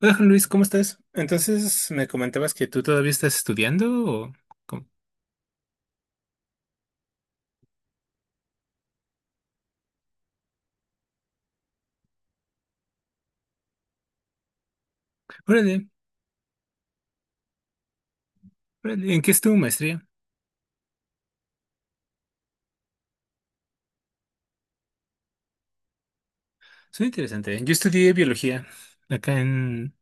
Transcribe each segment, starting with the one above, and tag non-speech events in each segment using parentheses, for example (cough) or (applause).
Hola Juan Luis, ¿cómo estás? Entonces me comentabas que tú todavía estás estudiando, ¿o cómo? Órale, órale, ¿en qué es tu maestría? Suena interesante. Yo estudié biología acá en,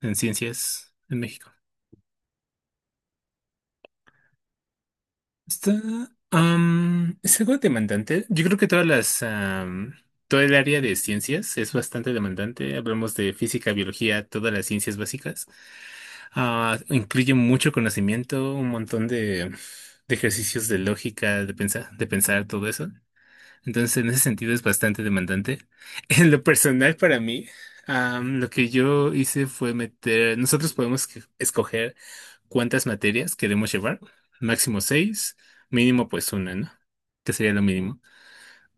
en Ciencias en México. Está, es algo demandante. Yo creo que todo el área de ciencias es bastante demandante. Hablamos de física, biología, todas las ciencias básicas. Ah, incluye mucho conocimiento, un montón de ejercicios de lógica, de pensar todo eso. Entonces, en ese sentido es bastante demandante. (laughs) En lo personal, para mí, lo que yo hice fue nosotros podemos escoger cuántas materias queremos llevar, máximo seis, mínimo pues una, ¿no? Que sería lo mínimo.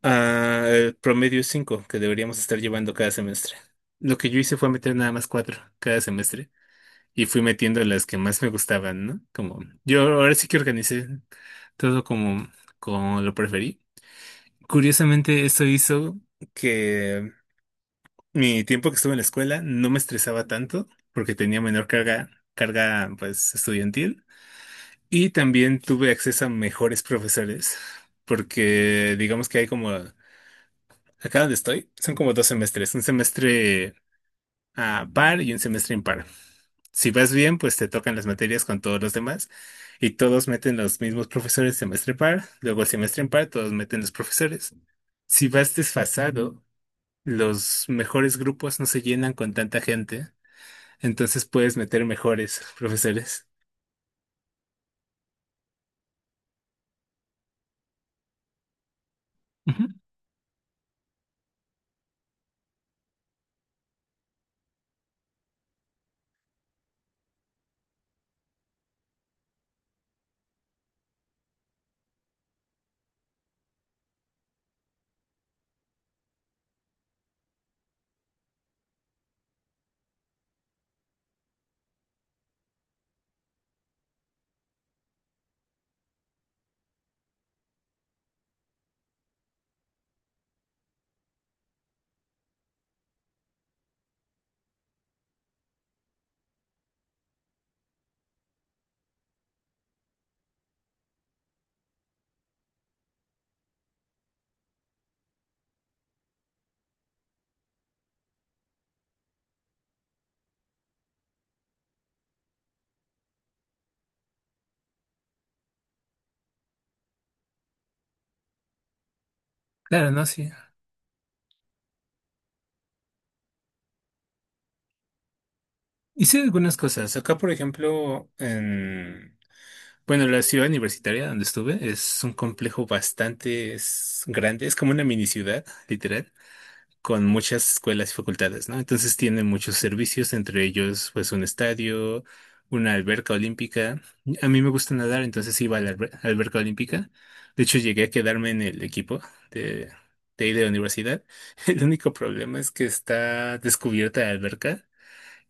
Ah, el promedio es cinco que deberíamos estar llevando cada semestre. Lo que yo hice fue meter nada más cuatro cada semestre y fui metiendo las que más me gustaban, ¿no? Como yo ahora sí que organicé todo como lo preferí. Curiosamente, eso hizo que mi tiempo que estuve en la escuela no me estresaba tanto porque tenía menor carga, carga pues estudiantil, y también tuve acceso a mejores profesores porque digamos que, hay como acá donde estoy, son como dos semestres, un semestre a par y un semestre impar. Si vas bien, pues te tocan las materias con todos los demás y todos meten los mismos profesores semestre par, luego el semestre impar todos meten los profesores. Si vas desfasado, los mejores grupos no se llenan con tanta gente, entonces puedes meter mejores (laughs) profesores. Ujú. Claro, no, sí. Hice algunas cosas. Acá, por ejemplo, bueno, la ciudad universitaria donde estuve es un complejo bastante, es grande, es como una mini ciudad, literal. Con muchas escuelas y facultades, ¿no? Entonces tiene muchos servicios, entre ellos pues un estadio, una alberca olímpica. A mí me gusta nadar, entonces iba a la alberca olímpica. De hecho, llegué a quedarme en el equipo de, de ahí de la universidad. (laughs) El único problema es que está descubierta la alberca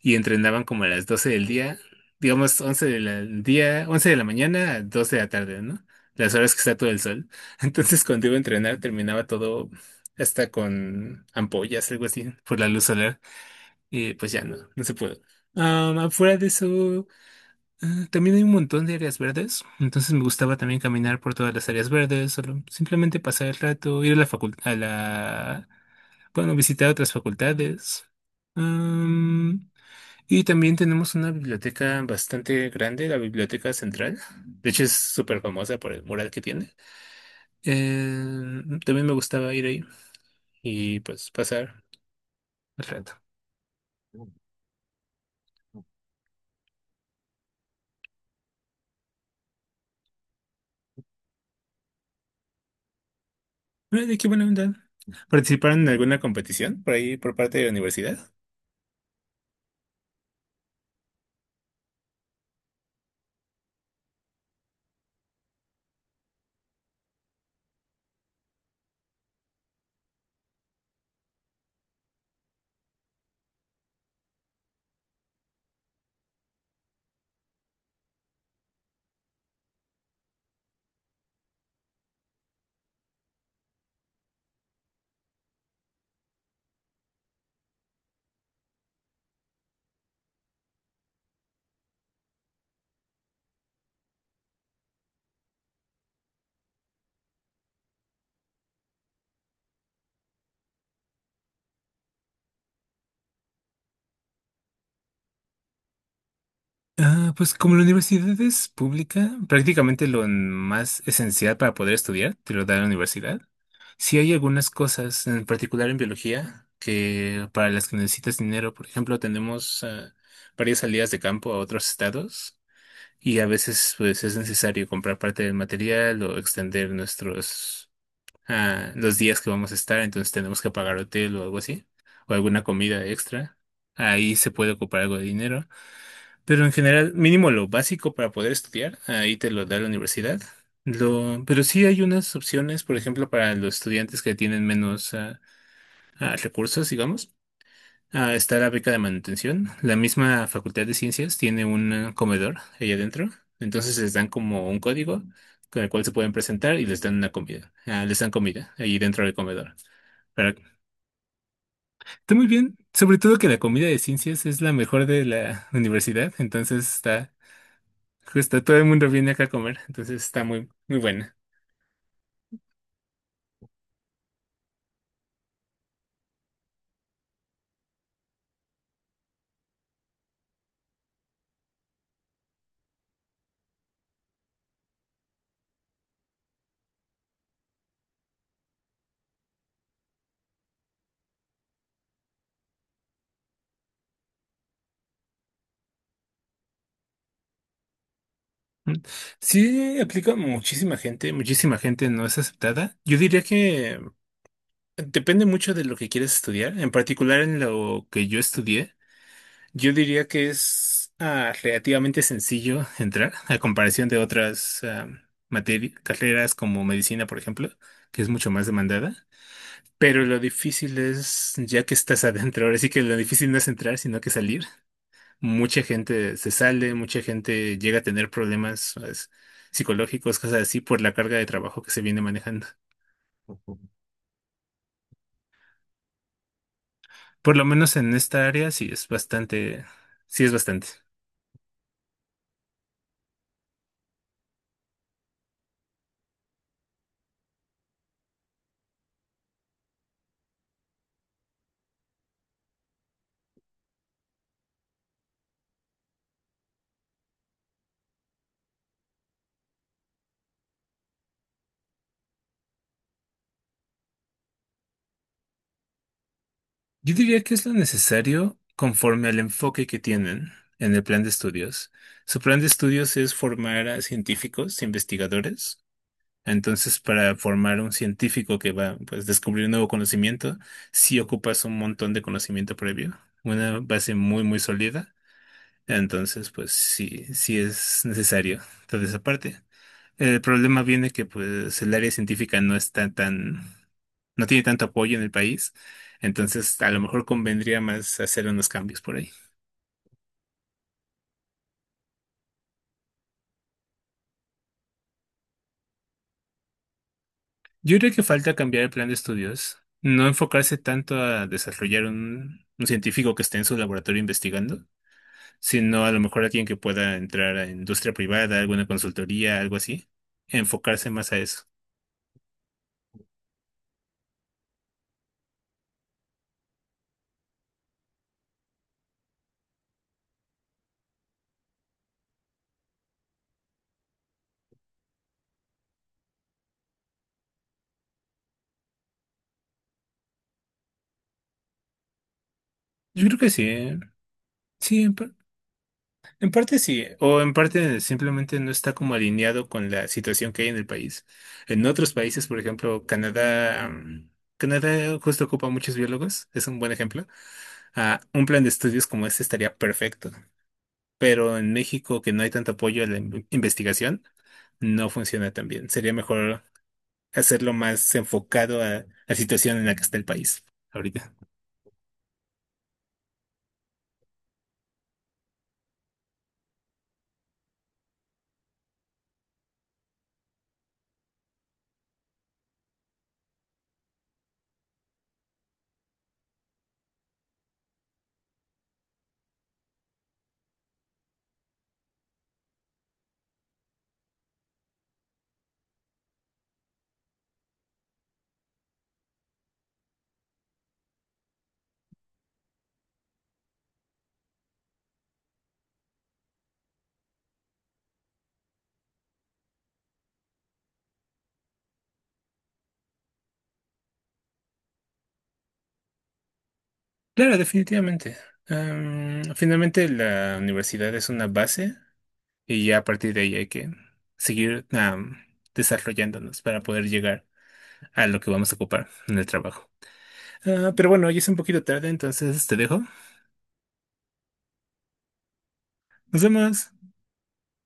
y entrenaban como a las 12 del día, digamos 11 del día, 11 de la mañana a 12 de la tarde, ¿no? Las horas que está todo el sol. (laughs) Entonces cuando iba a entrenar terminaba todo hasta con ampollas, algo así, por la luz solar. Y pues ya no, no se pudo. Afuera de eso, ah, también hay un montón de áreas verdes, entonces me gustaba también caminar por todas las áreas verdes, solo simplemente pasar el rato, ir a la facultad, bueno, visitar otras facultades. Y también tenemos una biblioteca bastante grande, la Biblioteca Central. De hecho, es súper famosa por el mural que tiene. Eh, También me gustaba ir ahí y pues pasar el rato. Ay, de qué buena onda. ¿Participaron en alguna competición por ahí por parte de la universidad? Ah, pues como la universidad es pública, prácticamente lo más esencial para poder estudiar te lo da la universidad. Sí hay algunas cosas, en particular en biología, que, para las que necesitas dinero. Por ejemplo, tenemos, varias salidas de campo a otros estados, y a veces pues es necesario comprar parte del material o extender los días que vamos a estar, entonces tenemos que pagar hotel o algo así, o alguna comida extra. Ahí se puede ocupar algo de dinero. Pero en general, mínimo lo básico para poder estudiar, ahí te lo da la universidad. Pero sí hay unas opciones, por ejemplo, para los estudiantes que tienen menos, recursos, digamos. Ah, está la beca de manutención. La misma Facultad de Ciencias tiene un comedor ahí adentro. Entonces les dan como un código con el cual se pueden presentar y les dan una comida. Ah, les dan comida ahí dentro del comedor. Pero está muy bien, sobre todo que la comida de ciencias es la mejor de la universidad, entonces está justo todo el mundo viene acá a comer, entonces está muy, muy buena. Mm. Sí, aplica muchísima gente no es aceptada. Yo diría que, depende mucho de lo que quieres estudiar, en particular en lo que yo estudié. Yo diría que es, relativamente sencillo entrar a comparación de otras materias, carreras como medicina, por ejemplo, que es mucho más demandada. Pero lo difícil es, ya que estás adentro, ahora sí que lo difícil no es entrar, sino que salir. Mucha gente se sale, mucha gente llega a tener problemas, ¿sabes? Psicológicos, cosas así, por la carga de trabajo que se viene manejando. Por lo menos en esta área sí es bastante, sí es bastante. Yo diría que es lo necesario conforme al enfoque que tienen en el plan de estudios. Su plan de estudios es formar a científicos, investigadores. Entonces, para formar un científico que va, pues, a descubrir nuevo conocimiento, sí ocupas un montón de conocimiento previo, una base muy, muy sólida. Entonces, pues sí, sí es necesario toda esa parte. El problema viene que pues el área científica no tiene tanto apoyo en el país. Entonces, a lo mejor convendría más hacer unos cambios por ahí. Yo creo que falta cambiar el plan de estudios, no enfocarse tanto a desarrollar un científico que esté en su laboratorio investigando, sino a lo mejor alguien que pueda entrar a industria privada, alguna consultoría, algo así, enfocarse más a eso. Yo creo que sí, ¿eh? Sí, en parte sí, o en parte simplemente no está como alineado con la situación que hay en el país. En otros países, por ejemplo, Canadá, Canadá justo ocupa muchos biólogos, es un buen ejemplo. Ah, un plan de estudios como este estaría perfecto, pero en México, que no hay tanto apoyo a la investigación, no funciona tan bien. Sería mejor hacerlo más enfocado a la situación en la que está el país ahorita. Claro, definitivamente. Finalmente la universidad es una base, y ya a partir de ahí hay que seguir, desarrollándonos para poder llegar a lo que vamos a ocupar en el trabajo. Ah, pero bueno, ya es un poquito tarde, entonces te dejo. Nos vemos.